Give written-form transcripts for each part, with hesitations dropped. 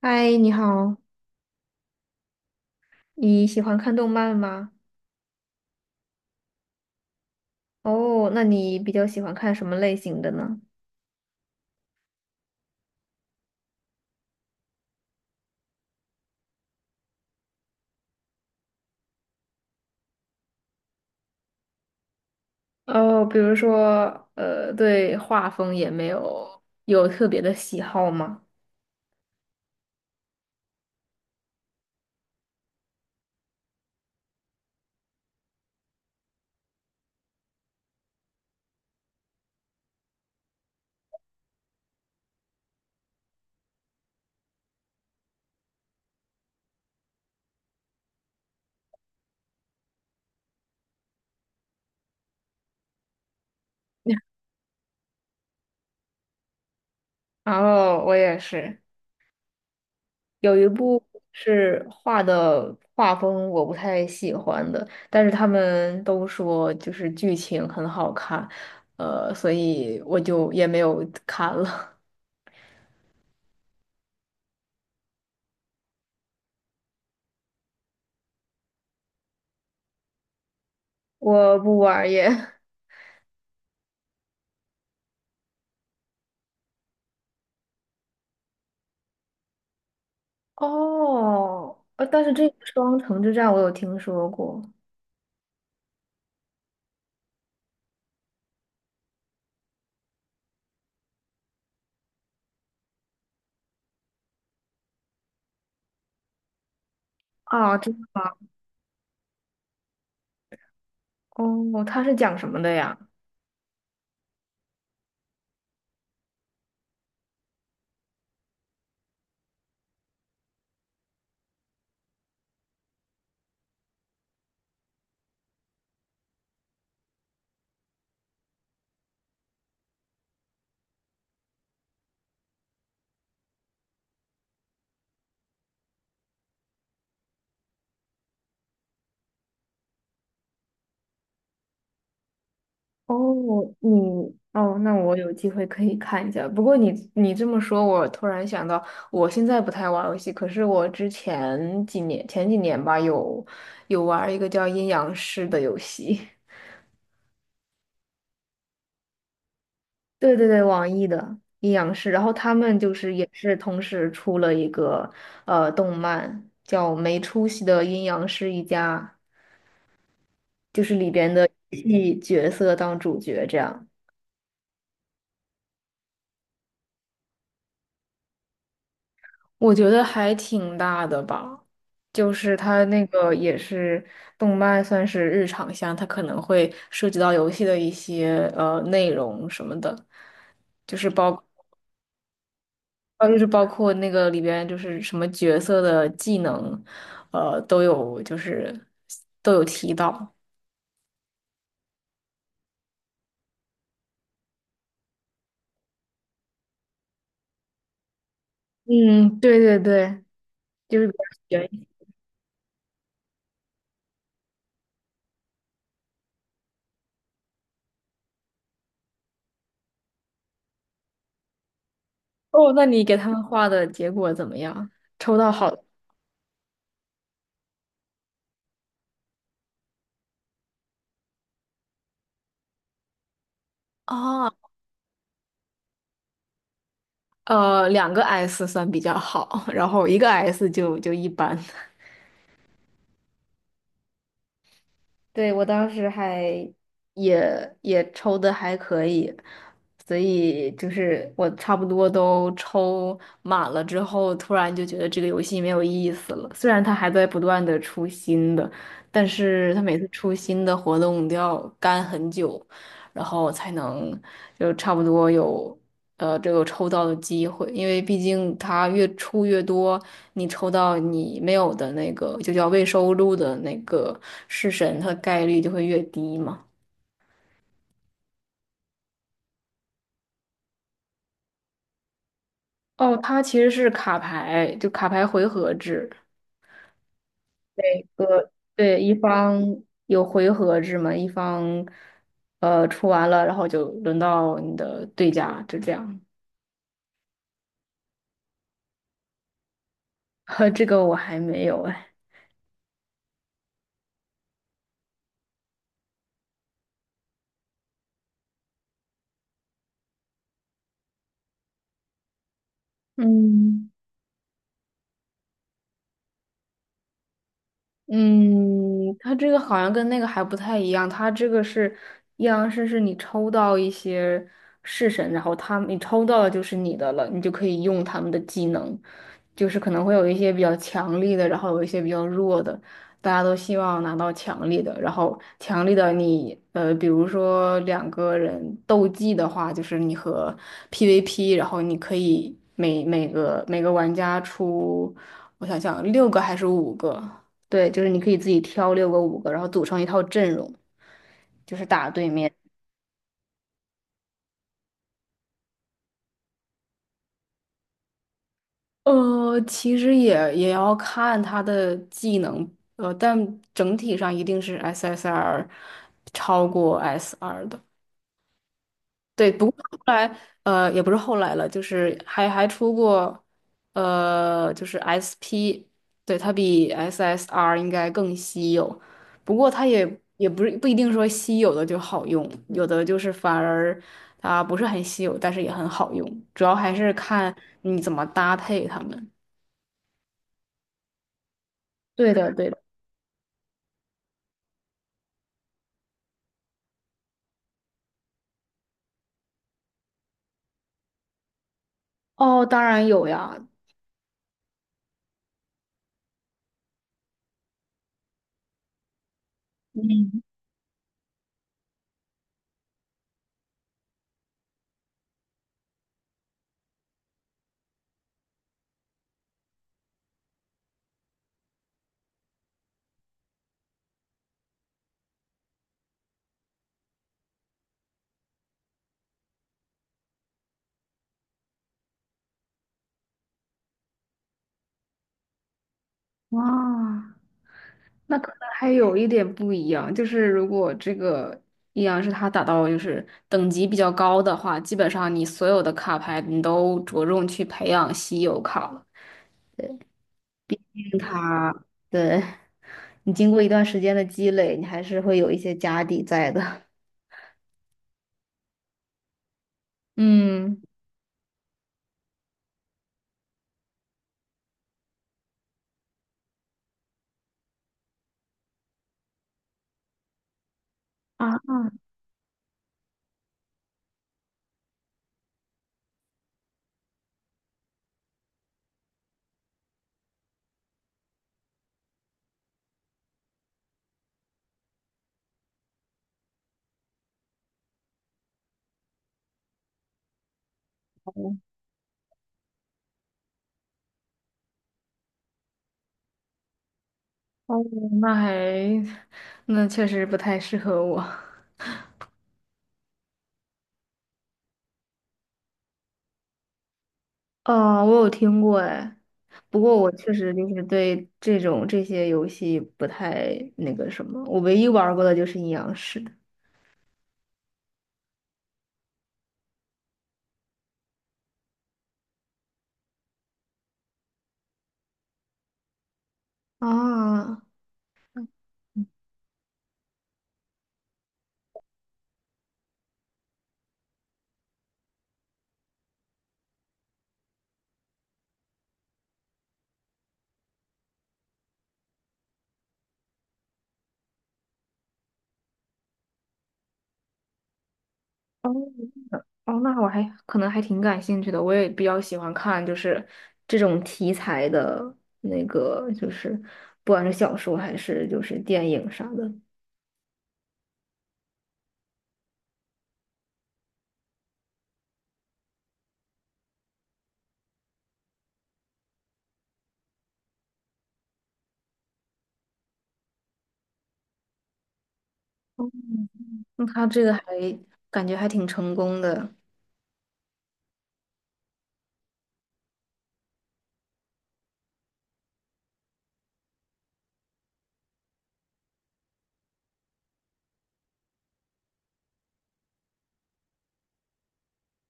嗨，你好，你喜欢看动漫吗？哦，那你比较喜欢看什么类型的呢？哦，比如说，对画风也没有特别的喜好吗？哦，我也是，有一部是画的画风我不太喜欢的，但是他们都说就是剧情很好看，所以我就也没有看了。我不玩儿耶。哦，但是这个双城之战我有听说过。啊，真的吗？哦，它是讲什么的呀？哦，你哦，那我有机会可以看一下。不过你这么说，我突然想到，我现在不太玩游戏，可是我之前几年吧，有玩一个叫《阴阳师》的游戏。对对对，网易的《阴阳师》，然后他们就是也是同时出了一个动漫，叫《没出息的阴阳师一家》。就是里边的戏角色当主角这样。我觉得还挺大的吧，就是它那个也是动漫，算是日常向，它可能会涉及到游戏的一些内容什么的，就是包就是包括那个里边就是什么角色的技能，都有就是都有提到。嗯，对对对，就是比较悬疑。哦，那你给他们画的结果怎么样？抽到好的。哦，两个 S 算比较好，然后一个 S 就一般。对，我当时还也抽的还可以，所以就是我差不多都抽满了之后，突然就觉得这个游戏没有意思了。虽然它还在不断的出新的，但是它每次出新的活动都要干很久，然后才能就差不多有。这个抽到的机会，因为毕竟它越出越多，你抽到你没有的那个就叫未收录的那个式神，它的概率就会越低嘛。哦，它其实是卡牌，就卡牌回合制，每个对一方有回合制嘛，一方出完了，然后就轮到你的对家，就这样。呵这个我还没有哎。嗯。嗯，它这个好像跟那个还不太一样，它这个是阴阳师，是你抽到一些式神，然后你抽到的就是你的了，你就可以用他们的技能，就是可能会有一些比较强力的，然后有一些比较弱的，大家都希望拿到强力的，然后强力的你，比如说两个人斗技的话，就是你和 PVP，然后你可以每个玩家出，我想想，六个还是五个。对，就是你可以自己挑六个五个，然后组成一套阵容，就是打对面。其实也要看他的技能，呃，但整体上一定是 SSR 超过 SR 的。对，不过后来也不是后来了，就是还出过就是 SP，对，它比 SSR 应该更稀有，不过它也不是不一定说稀有的就好用，有的就是反而它不是很稀有，但是也很好用，主要还是看你怎么搭配它们。对的，对的。哦，当然有呀。哇，那可能还有一点不一样，就是如果这个阴阳师他打到就是等级比较高的话，基本上你所有的卡牌你都着重去培养稀有卡了，对，金卡。对，你经过一段时间的积累，你还是会有一些家底在的。嗯。啊，哦，那还那确实不太适合我。哦，我有听过哎，不过我确实就是对这种这些游戏不太那个什么，我唯一玩儿过的就是阴阳师的。啊，哦哦，那我还可能还挺感兴趣的，我也比较喜欢看就是这种题材的那个，就是不管是小说还是就是电影啥的。哦，那他这个还感觉还挺成功的。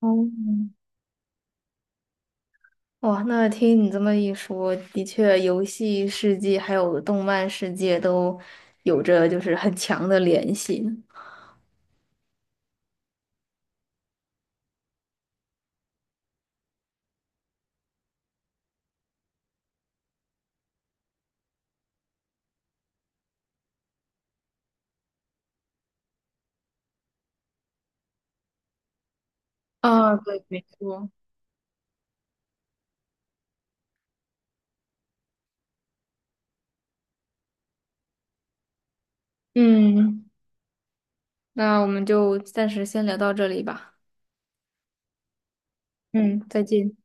哦，哇，那听你这么一说，的确，游戏世界还有动漫世界都有着就是很强的联系呢。啊，对，没错。嗯，那我们就暂时先聊到这里吧。嗯，再见。